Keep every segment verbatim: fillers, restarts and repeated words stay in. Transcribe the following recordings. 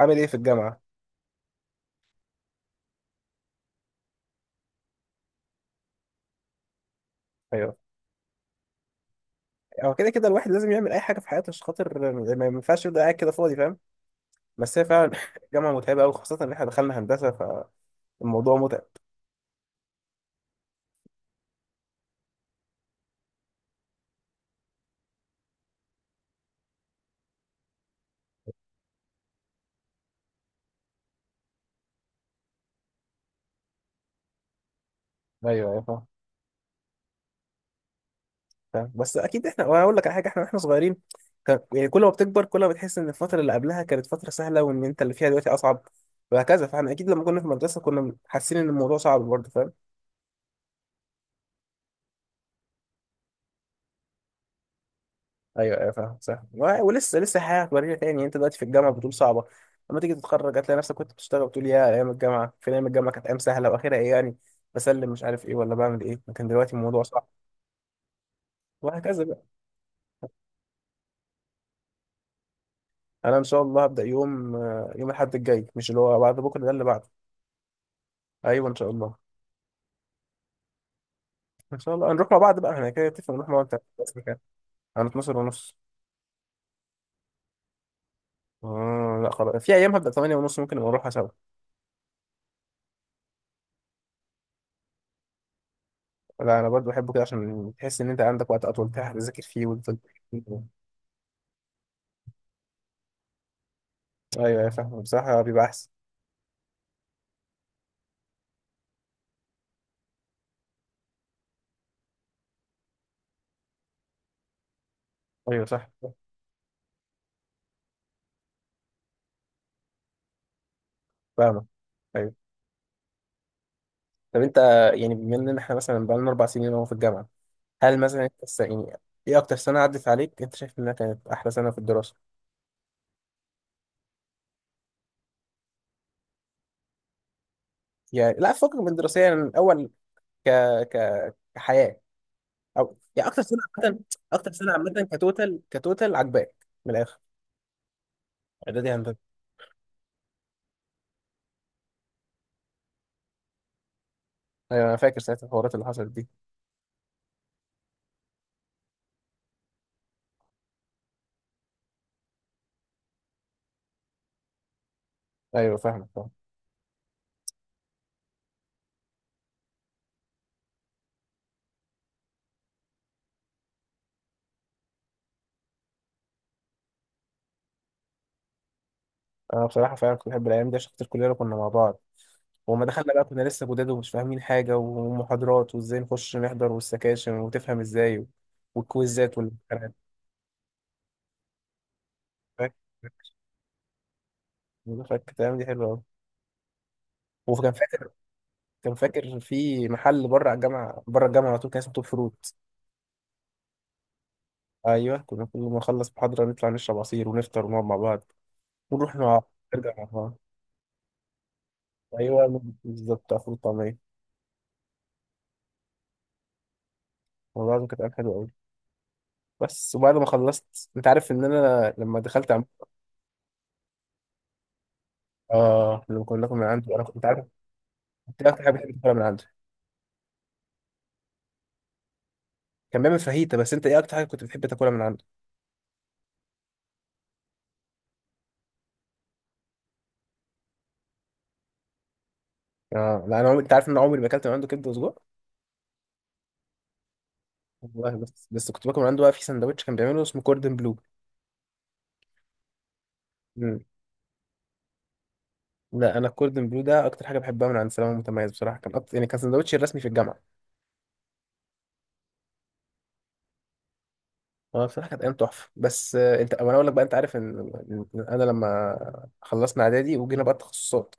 عامل ايه في الجامعه؟ ايوه، هو كده كده الواحد لازم يعمل اي حاجه في حياته عشان خاطر ما ينفعش يبدا قاعد كده فاضي، فاهم؟ بس هي فعلا الجامعه متعبه قوي، خاصه ان احنا دخلنا هندسه، فالموضوع متعب. ايوه ايوه فاهم. فاهم، بس اكيد احنا، وانا اقول لك على حاجه، احنا واحنا صغيرين كان، يعني كل ما بتكبر كل ما بتحس ان الفتره اللي قبلها كانت فتره سهله وان انت اللي فيها دلوقتي اصعب، وهكذا. فاحنا اكيد لما كنا في المدرسه كنا حاسين ان الموضوع صعب برضه، فاهم؟ ايوه ايوه فاهم صح. و- ولسه لسه حياه هتورينا تاني. انت دلوقتي في الجامعه بتقول صعبه، لما تيجي تتخرج هتلاقي نفسك كنت بتشتغل بتقول يا ايام الجامعه، فين ايام الجامعه، كانت ايام سهله، واخرها ايه يعني؟ بسلم مش عارف ايه ولا بعمل ايه، لكن دلوقتي الموضوع صعب، وهكذا بقى. انا ان شاء الله هبدا يوم آه، يوم الاحد الجاي، مش اللي هو بعد بكره ده، اللي بعده. ايوه ان شاء الله. ان شاء الله هنروح مع بعض بقى، احنا كده نتفق نروح مع بعض انت بس كده. انا اتناشر ونص. آه لا خلاص، في ايام هبدا ثمانية ونص، ممكن نبقى نروحها سوا. لا انا برضو بحبه كده، عشان تحس ان انت عندك وقت اطول تلحق تذاكر فيه وتفضل. ايوه أيوة، فاهمه، بصراحه بيبقى احسن. ايوه صح صح. فاهمه. ايوه. طب انت، يعني بما ان احنا مثلا بقالنا اربع سنين اهو في الجامعه، هل مثلا انت الس- يعني ايه اكتر سنه عدت عليك انت شايف انها كانت احلى سنه في الدراسه؟ يعني لا، فكك من الدراسيه، يعني من اول ك ك كحياه، او يعني اكتر سنه عامه، اكتر سنه عامه. كتوتال، كتوتال عجباك، من الاخر. اعدادي هندسه. ايوه انا فاكر ساعه الحوارات اللي حصلت دي. ايوه فاهمك فاهم. انا بصراحه فعلا كنت بحب الايام دي، عشان خاطر كلنا كنا مع بعض، وما دخلنا بقى كنا لسه جداد ومش فاهمين حاجة، ومحاضرات وازاي نخش نحضر والسكاشن وتفهم ازاي و- والكويزات والامتحانات. فاكر فاكر، تمام، دي حلوة أوي. وكان فاكر، كان فاكر في محل بره على الجامعة، بره الجامعة على طول، كان اسمه توب فروت. أيوه كنا كل ما نخلص محاضرة نطلع نشرب عصير ونفطر ونقعد مع بعض ونروح مع، نرجع مع بعض. أيوه بالظبط، بتاع فول وطعمية. والله العظيم كانت أيام حلوة أوي. بس وبعد ما خلصت أنت عارف إن أنا لما دخلت عم... آه لما كنا، كنا من عنده أنا كنت عارف. انت ايه اكتر حاجه بتحب تاكلها من عنده؟ كان بيعمل فاهيتا، بس انت ايه اكتر حاجه كنت بتحب تاكلها من عنده؟ آه لا انا عمري- انت عارف ان انا عمري ما اكلت من عنده كبده وسجق. والله بس، بس كنت باكل من عنده بقى في سندوتش كان بيعمله اسمه كوردن بلو. مم. لا انا الكوردن بلو ده اكتر حاجه بحبها من عند سلامه متميز، بصراحه كان أكتر، يعني كان سندوتشي الرسمي في الجامعه. هو بصراحه كانت ايام تحفه، بس آه، انت وانا اقول لك بقى، انت عارف ان، إن انا لما خلصنا اعدادي وجينا بقى التخصصات،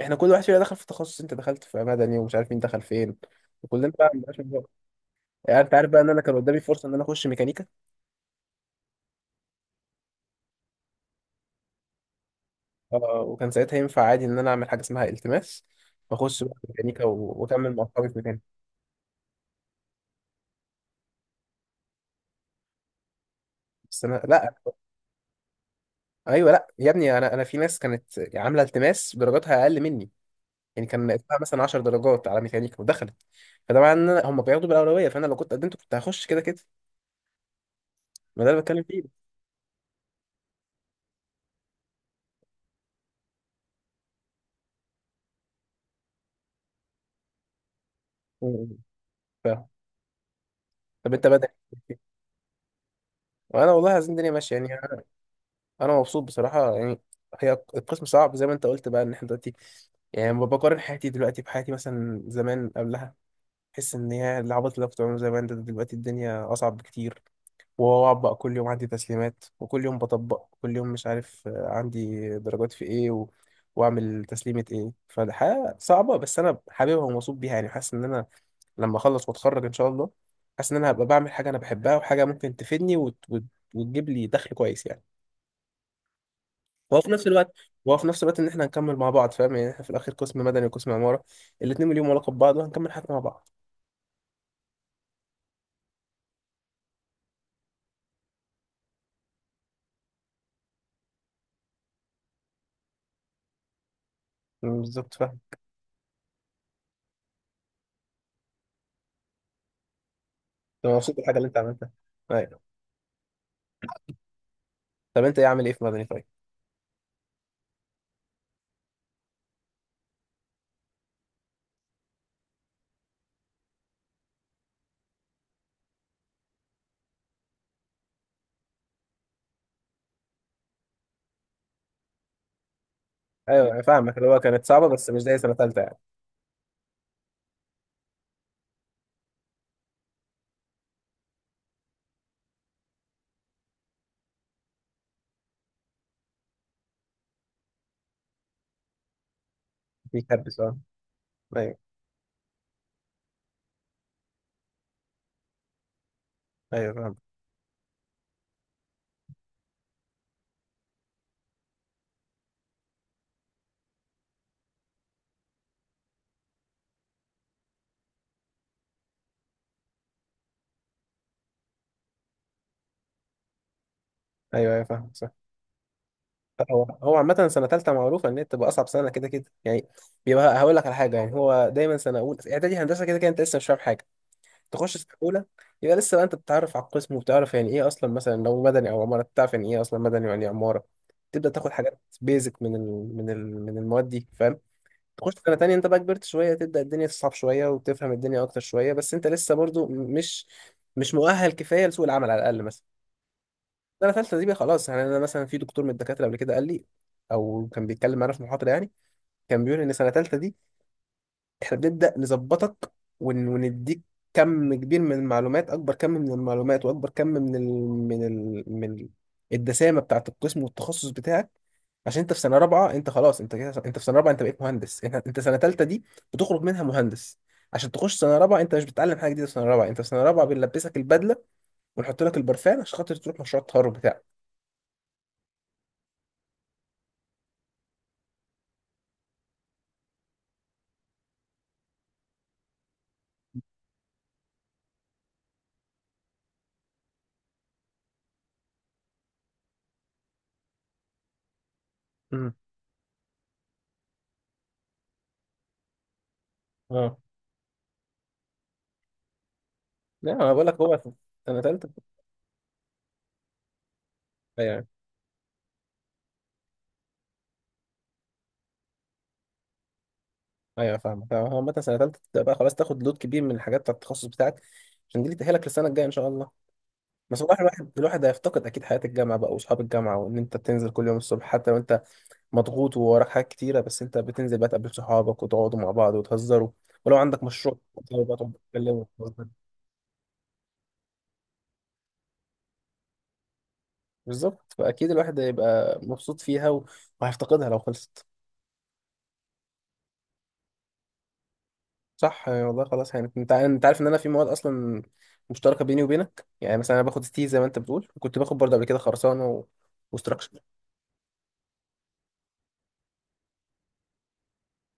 احنا كل واحد فينا دخل في تخصص، انت دخلت في مدني ومش عارف مين دخل فين، وكلنا بقى مبقاش، يعني انت عارف بقى ان انا كان قدامي فرصه ان انا اخش ميكانيكا. آه، وكان ساعتها ينفع عادي ان انا اعمل حاجه اسمها التماس واخش بقى ميكانيكا و- واكمل مع اصحابي في مكاني. بس انا لا. ايوه لا يا ابني، انا انا في ناس كانت عامله التماس درجاتها اقل مني، يعني كان ناقصها مثلا عشر درجات على ميكانيكا ودخلت، فده معناه ان هم بياخدوا بالاولويه، فانا لو كنت قدمت كنت هخش كده كده. ما ده اللي بتكلم فيه. م- ف... طب انت بدأ إيه؟ وانا والله عايزين الدنيا ماشيه يعني. انا، أنا مبسوط بصراحه يعني. هي القسم صعب زي ما انت قلت بقى، ان احنا دلوقتي، يعني بقارن حياتي دلوقتي بحياتي مثلا زمان قبلها، تحس ان هي العبط اللي أنا كنت بعمله زمان ده دلوقتي الدنيا اصعب بكتير، واطبق كل يوم عندي تسليمات وكل يوم بطبق كل يوم مش عارف آه، عندي درجات في ايه و... واعمل تسليمة ايه. فالحياة صعبة، بس انا حاببها ومبسوط بيها، يعني حاسس ان انا لما اخلص واتخرج ان شاء الله حاسس ان انا هبقى بعمل حاجة انا بحبها، وحاجة ممكن تفيدني وت... وت... وتجيب لي دخل كويس يعني. وفي نفس الوقت، وفي نفس الوقت ان احنا هنكمل مع بعض، فاهم؟ يعني احنا في الاخر قسم مدني وقسم عمارة، الاتنين ليهم علاقة ببعض، وهنكمل حياتنا مع بعض. بالظبط. انا مبسوط بالحاجه اللي انت عملتها. ايوه. طب انت ايه، عامل ايه في مدني طيب؟ ايوه انا فاهمك، اللي هو كانت صعبه بس مش زي سنه ثالثه يعني. في كبس، اه. ايوه ايوه فاهم. ايوه ايوه فاهم صح. هو هو عامة سنة تالتة معروفة إن هي بتبقى أصعب سنة كده كده يعني. بيبقى هقول لك على حاجة، يعني هو دايما سنة أولى إعدادي هندسة كده كده أنت لسه مش فاهم حاجة. تخش سنة أولى يبقى لسه بقى أنت بتتعرف على القسم وبتعرف يعني إيه أصلا، مثلا لو مدني أو عمارة بتعرف يعني إيه أصلا مدني ويعني إيه عمارة، تبدأ تاخد حاجات بيزك من ال من ال من المواد دي، فاهم؟ تخش سنة تانية انت بقى كبرت شوية، تبدأ الدنيا تصعب شوية وتفهم الدنيا أكتر شوية، بس انت لسه برضو مش، مش مؤهل كفاية لسوق العمل على الأقل مثلا. سنة تالتة دي بقى خلاص، يعني أنا مثلا في دكتور من الدكاترة قبل كده قال لي، أو كان بيتكلم معانا في محاضرة يعني، كان بيقول إن سنة تالتة دي احنا بنبدأ نظبطك ون- ونديك كم كبير من المعلومات، اكبر كم من المعلومات واكبر كم من ال... من ال... من الدسامة بتاعة القسم والتخصص بتاعك، عشان انت في سنة رابعة انت خلاص، انت كده، انت في سنة رابعة انت بقيت مهندس. انت انت سنة تالتة دي بتخرج منها مهندس، عشان تخش سنة رابعة. انت مش بتتعلم حاجة جديدة في سنة رابعة، انت في سنة رابعة بنلبسك البدلة ونحط لك البرفان عشان خاطر تروح مشروع التخرج بتاعك. امم. اه لا انا بقول لك هو سنة تالتة. أيوه. ايوه فاهمك فاهم. هو عامة سنة تالتة تبدأ بقى خلاص تاخد لود كبير من الحاجات بتاعت التخصص بتاعك، عشان دي اللي تأهلك للسنة الجاية إن شاء الله. بس والله الواحد الواحد هيفتقد أكيد حياة الجامعة بقى، وأصحاب الجامعة، وإن أنت بتنزل كل يوم الصبح حتى لو أنت مضغوط ووراك حاجات كتيرة، بس أنت بتنزل بقى تقابل صحابك وتقعدوا مع بعض وتهزروا، ولو عندك مشروع بتقعدوا بقى، تقعدوا تتكلموا وتهزروا. بالظبط، فأكيد الواحد هيبقى مبسوط فيها و- وهيفتقدها لو خلصت. صح، يعني والله خلاص، يعني انت انت عارف ان انا في مواد اصلا مشتركه بيني وبينك، يعني مثلا انا باخد ستي زي ما انت بتقول، وكنت باخد برضه قبل كده خرسانه و... وستراكشر.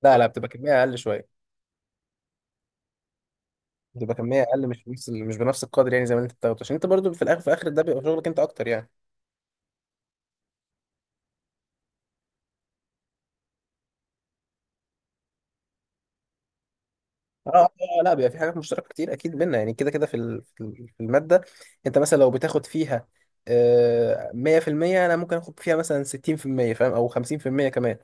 لا لا بتبقى كميه اقل شويه، بتبقى كميه اقل مش بنفس ال- مش بنفس القدر، يعني زي ما انت بتاخده، عشان انت برضه في الاخر في اخر ده بيبقى شغلك انت اكتر يعني. اه اه. آه، لا بيبقى في حاجات مشتركه كتير اكيد بينا، يعني كده كده في ال- في ال- في الماده انت مثلا لو بتاخد فيها آه، مية في المية، انا ممكن اخد فيها مثلا ستين في المية، فاهم، او خمسين في المية كمان.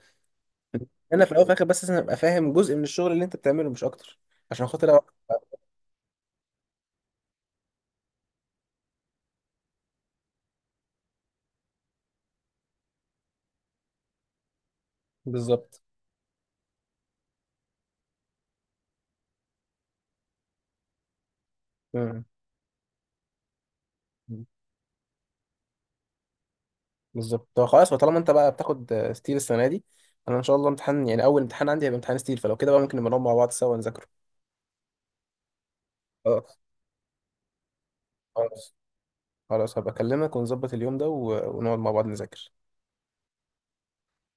انا في الاول وفي الاخر بس لازم ابقى فاهم جزء من الشغل اللي انت بتعمله مش اكتر، عشان خاطر أوعى. بالظبط. مم. بالظبط. طب خلاص، طالما انت بقى بتاخد آه، ستيل السنه دي، انا ان شاء الله امتحان، يعني اول امتحان عندي هيبقى امتحان ستيل، فلو كده بقى ممكن نبقى نقعد مع بعض سوا نذاكره. خلاص خلاص. خلاص هبقى اكلمك ونظبط اليوم ده و- ونقعد مع بعض نذاكر.